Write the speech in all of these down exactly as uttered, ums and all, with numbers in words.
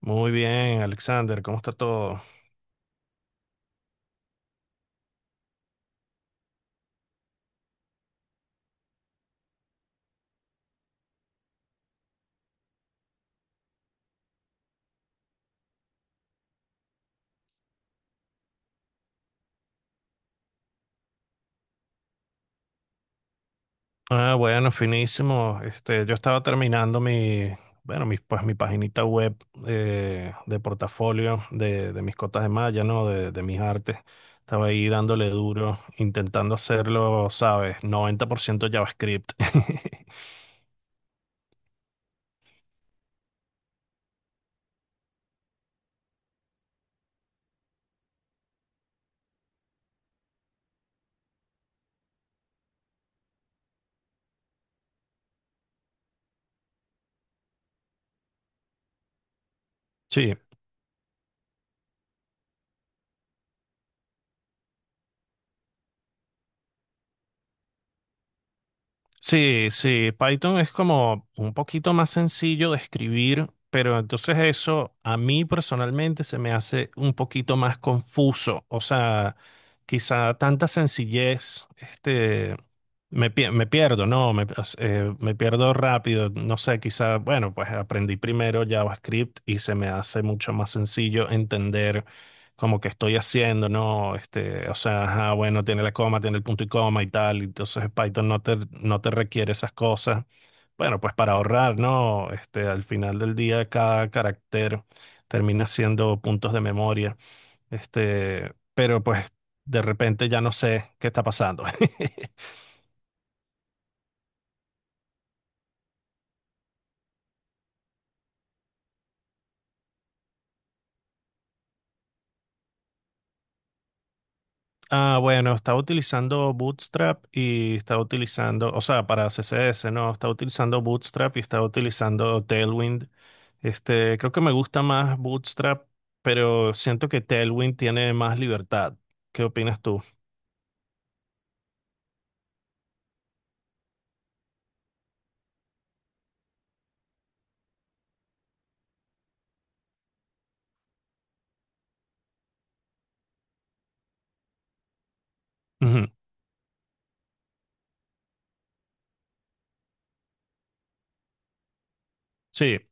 Muy bien, Alexander, ¿cómo está todo? Ah, bueno, finísimo. Este, yo estaba terminando mi, bueno, mi, pues mi paginita web eh, de portafolio de, de mis cotas de malla, ¿no? De, de mis artes. Estaba ahí dándole duro, intentando hacerlo, ¿sabes? Noventa por ciento JavaScript. Sí. Sí, sí, Python es como un poquito más sencillo de escribir, pero entonces eso a mí personalmente se me hace un poquito más confuso. O sea, quizá tanta sencillez, este, me, pie- me pierdo, ¿no? Me, eh, me pierdo rápido. No sé, quizá, bueno, pues aprendí primero JavaScript y se me hace mucho más sencillo entender como que estoy haciendo, ¿no? Este, o sea, ajá, bueno, tiene la coma, tiene el punto y coma y tal, entonces Python no te, no te requiere esas cosas. Bueno, pues para ahorrar, ¿no? Este, al final del día cada carácter termina siendo puntos de memoria, este, pero pues de repente ya no sé qué está pasando. Ah, bueno, estaba utilizando Bootstrap y estaba utilizando, o sea, para C S S, ¿no? Estaba utilizando Bootstrap y estaba utilizando Tailwind. Este, creo que me gusta más Bootstrap, pero siento que Tailwind tiene más libertad. ¿Qué opinas tú? Ujú. Sí.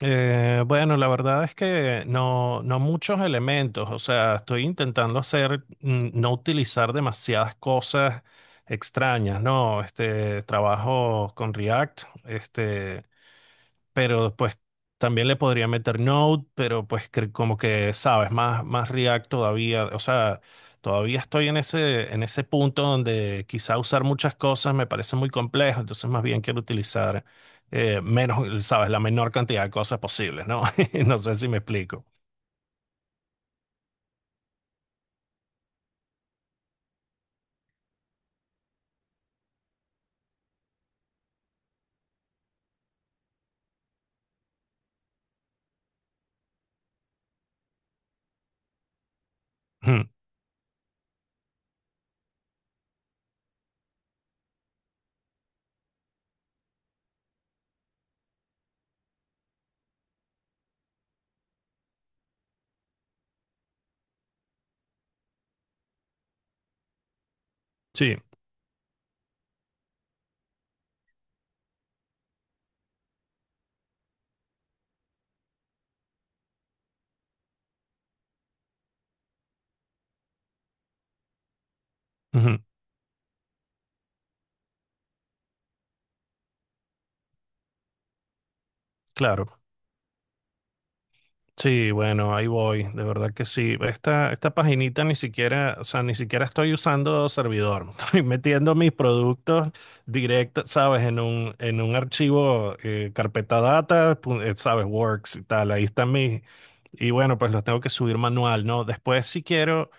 Eh, bueno, la verdad es que no, no muchos elementos. O sea, estoy intentando hacer, mm, no utilizar demasiadas cosas extrañas, ¿no? Este, trabajo con React. Este, pero pues también le podría meter Node, pero pues que- como que, sabes, más, más React todavía. O sea, todavía estoy en ese, en ese punto donde quizá usar muchas cosas me parece muy complejo, entonces más bien quiero utilizar eh, menos, sabes, la menor cantidad de cosas posibles, ¿no? No sé si me explico. Ujú, sí, ujú, claro. Sí, bueno, ahí voy, de verdad que sí. Esta, esta paginita ni siquiera, o sea, ni siquiera estoy usando servidor. Estoy metiendo mis productos directos, ¿sabes? En un, en un archivo, eh, carpeta data, pu- eh, ¿sabes? Works y tal. Ahí están mis, y bueno, pues los tengo que subir manual, ¿no? Después si quiero,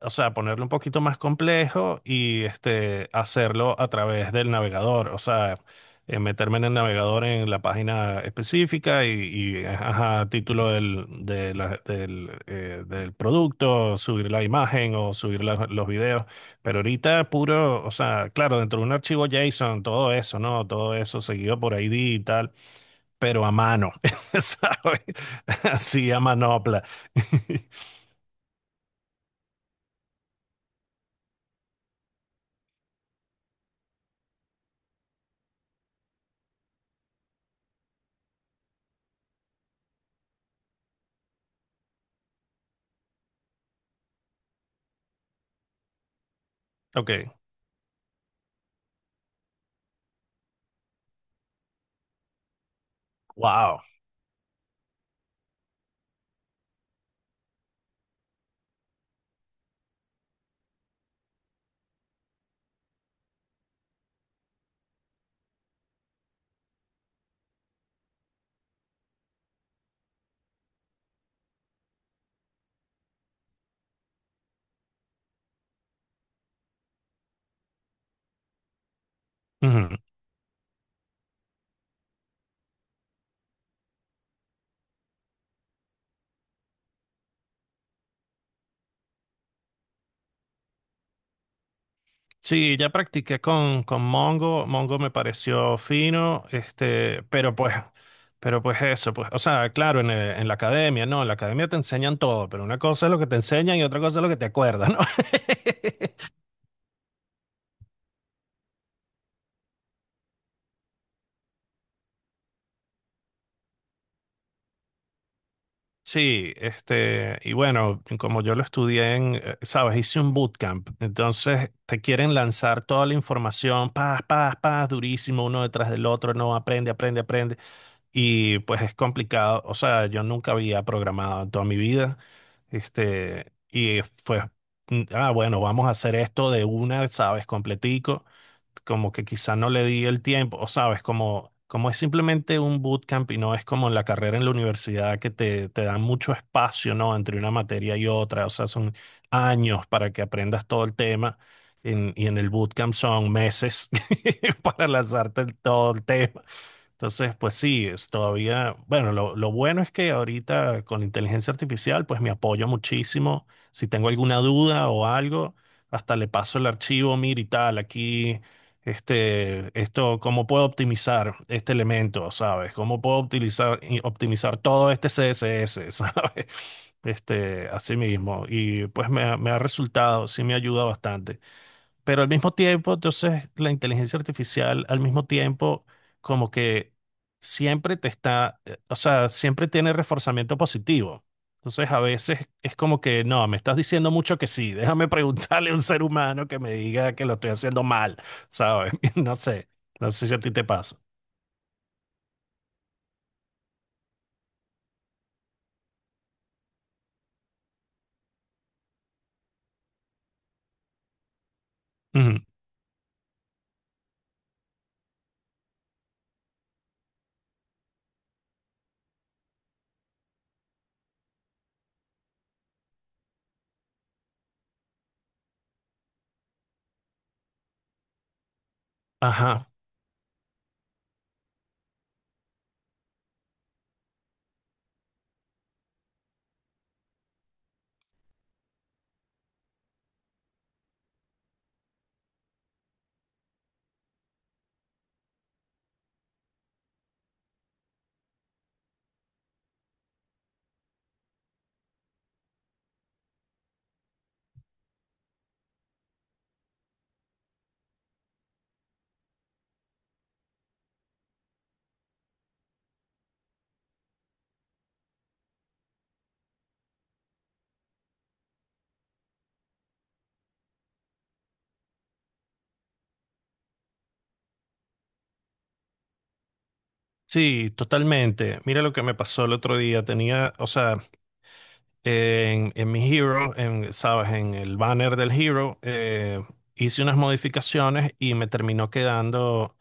o sea, ponerlo un poquito más complejo y este, hacerlo a través del navegador. O sea, eh, meterme en el navegador en la página específica y, y, ajá, título del, de la- del, eh, del producto, subir la imagen o subir la- los videos, pero ahorita puro, o sea, claro, dentro de un archivo JSON, todo eso, ¿no? Todo eso seguido por I D y tal, pero a mano, ¿sabes? Así a manopla. Ok, wow. Sí, ya practiqué con, con Mongo. Mongo me pareció fino. Este, pero pues, pero pues eso, pues, o sea, claro, en, eh, en la academia, no, en la academia te enseñan todo, pero una cosa es lo que te enseñan y otra cosa es lo que te acuerdas, ¿no? Sí, este, y bueno, como yo lo estudié en, eh, sabes, hice un bootcamp, entonces te quieren lanzar toda la información, paz, paz, paz, durísimo, uno detrás del otro, no, aprende, aprende, aprende. Y pues es complicado, o sea, yo nunca había programado en toda mi vida. este, y fue, mm, ah, bueno, vamos a hacer esto de una, ¿sabes? Completico, como que quizá no le di el tiempo, o sabes, como, como es simplemente un bootcamp y no es como en la carrera en la universidad que te, te dan mucho espacio, ¿no? Entre una materia y otra. O sea, son años para que aprendas todo el tema, en- y en el bootcamp son meses para lanzarte el- todo el tema. Entonces, pues sí, es todavía, bueno, lo, lo bueno es que ahorita con la inteligencia artificial, pues me apoyo muchísimo. Si tengo alguna duda o algo, hasta le paso el archivo, mira y tal, aquí, este, esto, cómo puedo optimizar este elemento, ¿sabes? ¿Cómo puedo optimizar, y optimizar todo este C S S, ¿sabes? Este, así mismo. Y pues me, ha- me ha resultado, sí me ayuda bastante. Pero al mismo tiempo, entonces, la inteligencia artificial, al mismo tiempo, como que siempre te está, eh, o sea, siempre tiene reforzamiento positivo. Entonces, a veces es como que, no, me estás diciendo mucho que sí, déjame preguntarle a un ser humano que me diga que lo estoy haciendo mal, ¿sabes? No sé, no sé si a ti te pasa. Ujú. Ajá. Sí, totalmente. Mira lo que me pasó el otro día. Tenía, o sea, en, en mi Hero, en, sabes, en el banner del Hero, eh, hice unas modificaciones y me terminó quedando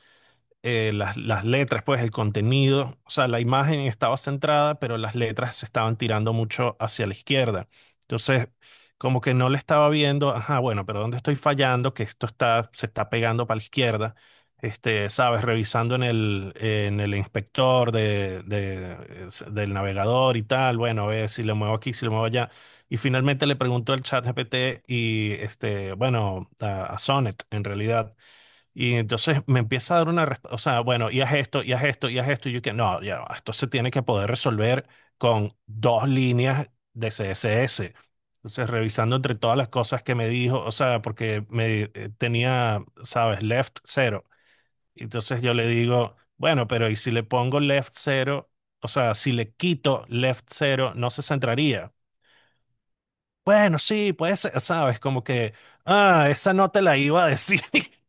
eh, las, las letras, pues el contenido, o sea, la imagen estaba centrada, pero las letras se estaban tirando mucho hacia la izquierda. Entonces, como que no le estaba viendo, ajá, bueno, pero ¿dónde estoy fallando? Que esto está, se está pegando para la izquierda. Este, sabes, revisando en el, en el inspector de, de- es- del navegador y tal, bueno, a ver si lo muevo aquí, si lo muevo allá. Y finalmente le preguntó al chat G P T y, este, bueno, a a Sonnet, en realidad, y entonces me empieza a dar una respuesta, o sea, bueno, y haz esto, y haz esto, y haz esto, y yo que no, ya, va, esto se tiene que poder resolver con dos líneas de C S S. Entonces, revisando entre todas las cosas que me dijo, o sea, porque me eh, tenía, sabes, left cero. Entonces yo le digo, bueno, pero ¿y si le pongo left cero? O sea, si le quito left cero, no se centraría. Bueno, sí, puede ser, sabes, como que, ah, esa no te la iba a decir.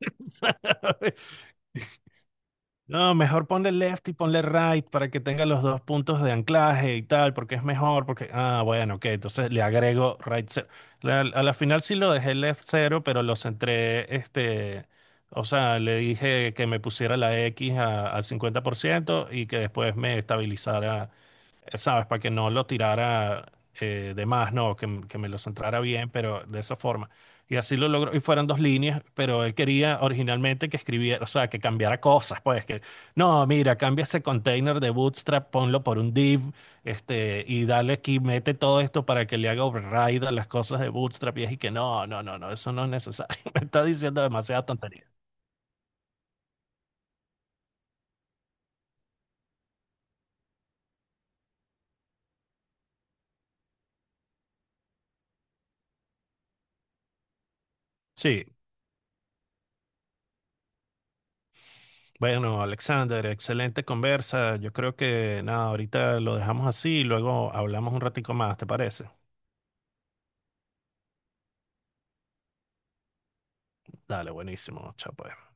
No, mejor ponle left y ponle right para que tenga los dos puntos de anclaje y tal, porque es mejor, porque, ah, bueno, ok, entonces le agrego right cero. La- a la final sí lo dejé left cero, pero los centré. Este, o sea, le dije que me pusiera la X a- al cincuenta por ciento y que después me estabilizara eh, ¿sabes? Para que no lo tirara eh, de más, no, que, m- que me lo centrara bien, pero de esa forma. Y así lo logró, y fueron dos líneas, pero él quería originalmente que escribiera, o sea, que cambiara cosas, pues, que, no, mira, cambia ese container de Bootstrap, ponlo por un div. Este, y dale aquí, mete todo esto para que le haga override a las cosas de Bootstrap, y es y que no, no, no, no, eso no es necesario, me está diciendo demasiada tontería. Sí. Bueno, Alexander, excelente conversa. Yo creo que nada, ahorita lo dejamos así y luego hablamos un ratico más, ¿te parece? Dale, buenísimo. Chao, pues.